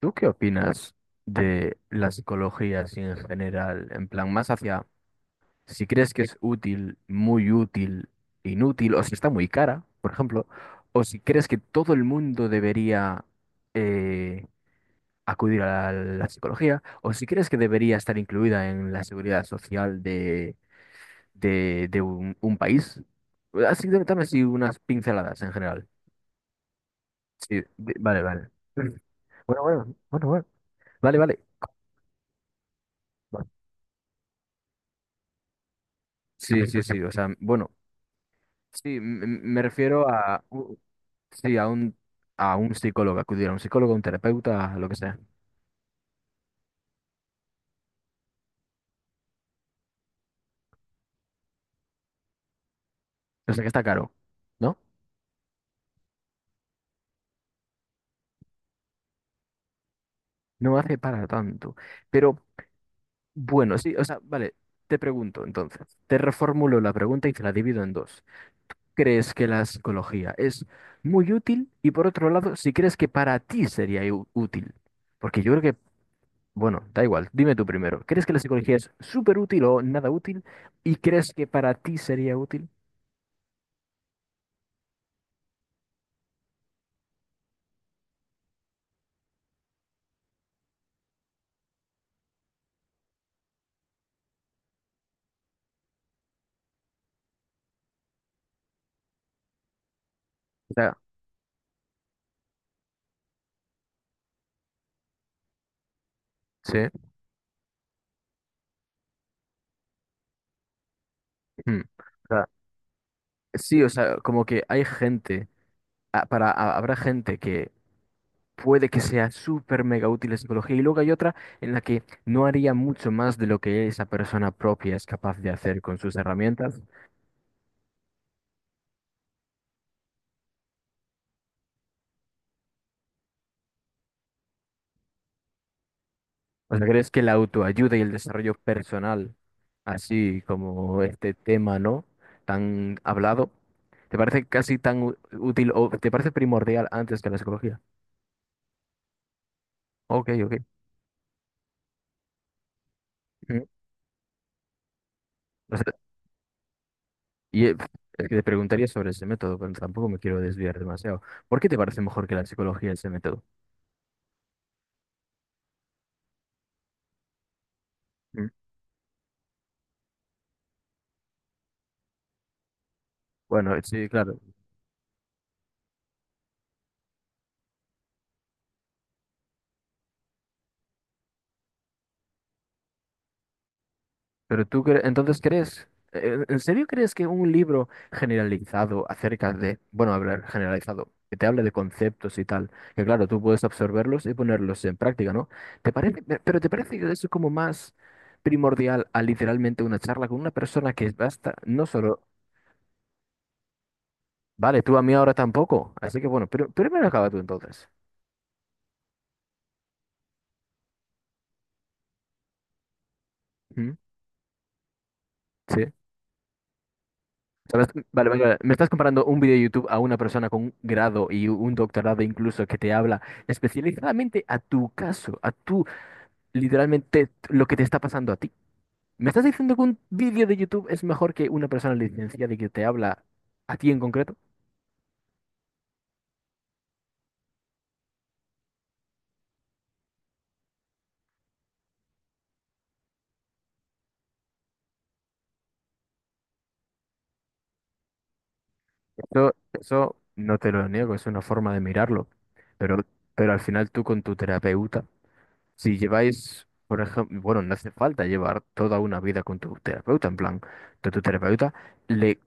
¿Tú qué opinas de la psicología así en general? En plan, más hacia si crees que es útil, muy útil, inútil, o si está muy cara, por ejemplo, o si crees que todo el mundo debería eh, acudir a la psicología, o si crees que debería estar incluida en la seguridad social de un país. Así, dame así unas pinceladas en general. Sí, vale, vale. Bueno. Vale, vale. Sí, sí, sí, o sea, bueno, sí, me refiero a, sí, a un psicólogo, acudir a un psicólogo, a un terapeuta, a lo que sea. O sea, que está caro, ¿no? No hace para tanto. Pero bueno, sí, o sea, vale, te pregunto entonces, te reformulo la pregunta y te la divido en dos. ¿Crees que la psicología es muy útil? Y por otro lado, si crees que para ti sería útil, porque yo creo que bueno, da igual, dime tú primero. ¿Crees que la psicología es súper útil o nada útil? ¿Y crees que para ti sería útil? O sea, sí. Mm. O sea, sí, o sea, como que hay gente, habrá gente que puede que sea súper mega útil la psicología, y luego hay otra en la que no haría mucho más de lo que esa persona propia es capaz de hacer con sus herramientas. O sea, ¿crees que la autoayuda y el desarrollo personal, así como este tema, ¿no? Tan hablado, ¿te parece casi tan útil o te parece primordial antes que la psicología? Ok, ok. Ujú. O sea, y es que te preguntaría sobre ese método, pero tampoco me quiero desviar demasiado. ¿Por qué te parece mejor que la psicología ese método? Mm. Bueno, sí, claro. Pero tú entonces crees, ¿en serio crees que un libro generalizado acerca de, bueno, hablar generalizado, que te hable de conceptos y tal, que claro, tú puedes absorberlos y ponerlos en práctica, ¿no? ¿Te parece, pero te parece que eso es como más primordial a literalmente una charla con una persona que basta, no solo, vale, tú a mí ahora tampoco, así que bueno, pero primero acaba tú entonces. ¿Mm? ¿Sí? ¿Sabes? Vale, vale, vale. Me estás comparando un video de YouTube a una persona con un grado y un doctorado incluso que te habla especializadamente a tu caso, a tu, literalmente, lo que te está pasando a ti. ¿Me estás diciendo que un video de YouTube es mejor que una persona licenciada y que te habla a ti en concreto? Eso no te lo niego, es una forma de mirarlo. Pero, pero al final tú con tu terapeuta. Si lleváis, por ejemplo, bueno, no hace falta llevar toda una vida con tu terapeuta, en plan, de tu terapeuta, le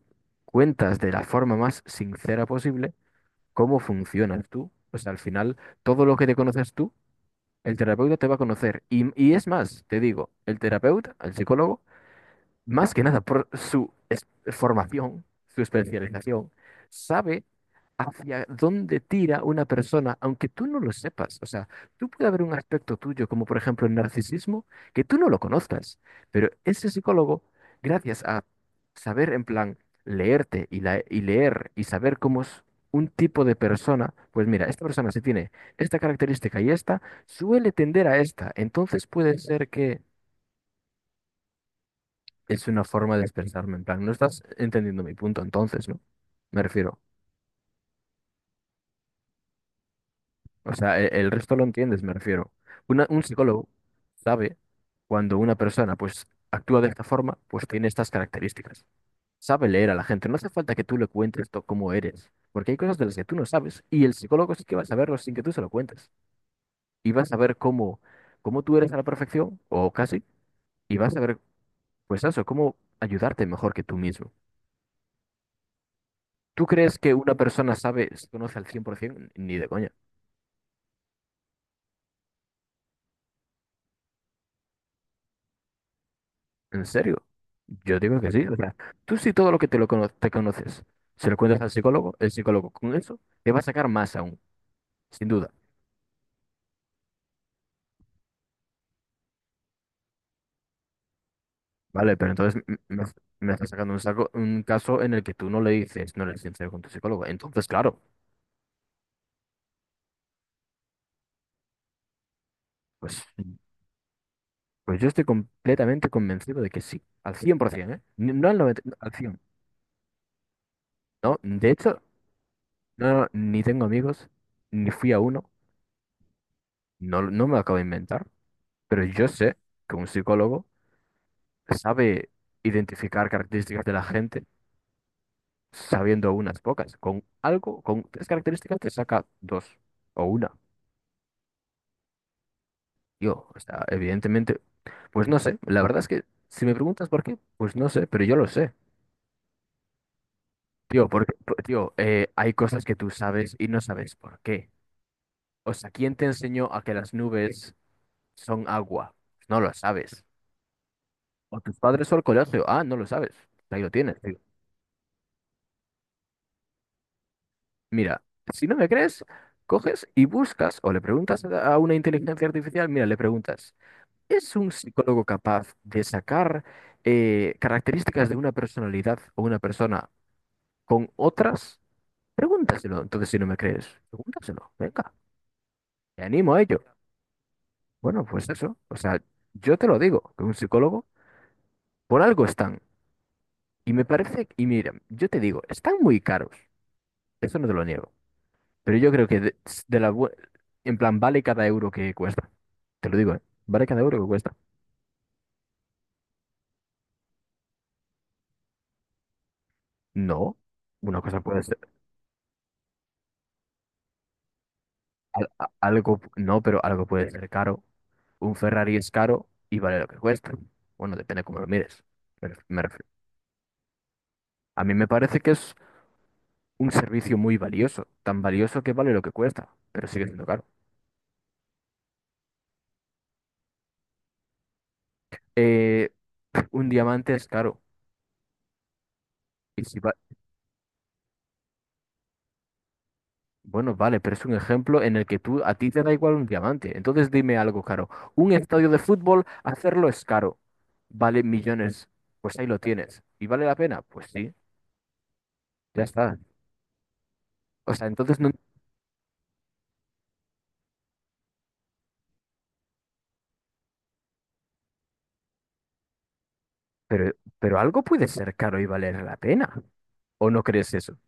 cuentas de la forma más sincera posible cómo funcionas tú. O sea, al final, todo lo que te conoces tú, el terapeuta te va a conocer. Y es más, te digo, el terapeuta, el psicólogo, más que nada por su formación, su especialización, sabe hacia dónde tira una persona, aunque tú no lo sepas. O sea, tú puede haber un aspecto tuyo, como por ejemplo el narcisismo, que tú no lo conozcas, pero ese psicólogo, gracias a saber en plan leerte y leer y saber cómo es un tipo de persona, pues mira, esta persona si tiene esta característica y esta, suele tender a esta. Entonces puede ser que es una forma de expresarme, en plan, no estás entendiendo mi punto entonces, ¿no? Me refiero. O sea, resto lo entiendes, me refiero. Un psicólogo sabe cuando una persona pues actúa de esta forma, pues tiene estas características. Sabe leer a la gente, no hace falta que tú le cuentes cómo eres, porque hay cosas de las que tú no sabes y el psicólogo sí que va a saberlo sin que tú se lo cuentes. Y va a saber cómo, cómo tú eres a la perfección, o casi, y va a saber, pues eso, cómo ayudarte mejor que tú mismo. ¿Tú crees que una persona sabe, se conoce al 100%? Ni de coña. ¿En serio? Yo digo que sí. O sea, tú si todo lo que te lo te conoces, se lo cuentas al psicólogo, el psicólogo con eso te va a sacar más aún, sin duda. Vale, pero entonces me estás sacando un, saco, un caso en el que tú no le dices, no eres sincero con tu psicólogo. Entonces, claro, pues, pues yo estoy completamente convencido de que sí, al 100%, ¿eh? No al 90, no, al 100. No, de hecho, no, no, ni tengo amigos, ni fui a uno, no, no me lo acabo de inventar. Pero yo sé que un psicólogo sabe identificar características de la gente sabiendo unas pocas. Con algo, con tres características te saca dos o una. Yo, o sea, evidentemente, pues no sé. La verdad es que si me preguntas por qué, pues no sé, pero yo lo sé. Tío, porque, tío, hay cosas que tú sabes y no sabes por qué. O sea, ¿quién te enseñó a que las nubes son agua? No lo sabes. O tus padres o el colegio. Ah, no lo sabes. Ahí lo tienes. Mira, si no me crees, coges y buscas o le preguntas a una inteligencia artificial, mira, le preguntas, ¿es un psicólogo capaz de sacar características de una personalidad o una persona con otras? Pregúntaselo. Entonces, si no me crees, pregúntaselo. Venga, te animo a ello. Bueno, pues eso. O sea, yo te lo digo, que un psicólogo por algo están. Y me parece, y mira, yo te digo, están muy caros. Eso no te lo niego. Pero yo creo que de la, bu- en plan, vale cada euro que cuesta. Te lo digo, ¿eh? Vale cada euro que cuesta. No, una cosa puede ser, algo, no, pero algo puede ser caro. Un Ferrari es caro y vale lo que cuesta. Bueno, depende cómo lo mires. Me refiero. A mí me parece que es un servicio muy valioso, tan valioso que vale lo que cuesta, pero sigue siendo caro. Eh, un diamante es caro y si, bueno, vale, pero es un ejemplo en el que tú a ti te da igual un diamante. Entonces dime algo caro. Un estadio de fútbol, hacerlo es caro. Vale millones. Pues ahí lo tienes. ¿Y vale la pena? Pues sí, ya está. O sea, entonces no. Pero, pero algo puede ser caro y valer la pena. ¿O no crees eso?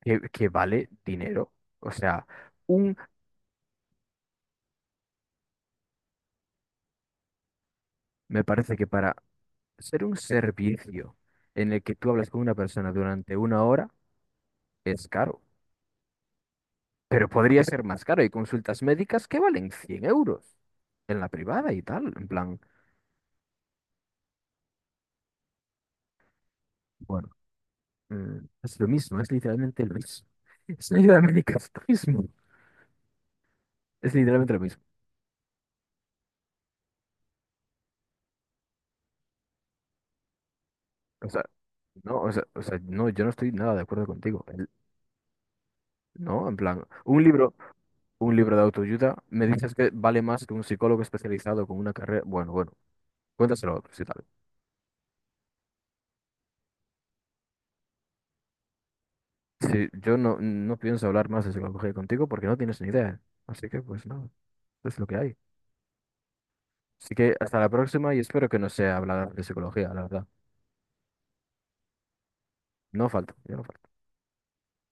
Que vale dinero. O sea, un. Me parece que para ser un servicio en el que tú hablas con una persona durante una hora es caro. Pero podría ser más caro. Hay consultas médicas que valen 100 euros en la privada y tal. En plan, bueno, mm, es lo mismo, es literalmente lo mismo. Es literalmente lo mismo. Es literalmente lo mismo. O sea, no, o sea, no, yo no estoy nada de acuerdo contigo. No, en plan, un libro de autoayuda, me dices que vale más que un psicólogo especializado con una carrera. Bueno, bueno, cuéntaselo a otros y tal. Sí, yo no, no pienso hablar más de psicología contigo porque no tienes ni idea. Así que, pues no, es lo que hay. Así que hasta la próxima y espero que no sea hablar de psicología, la verdad. No falta, yo no falto.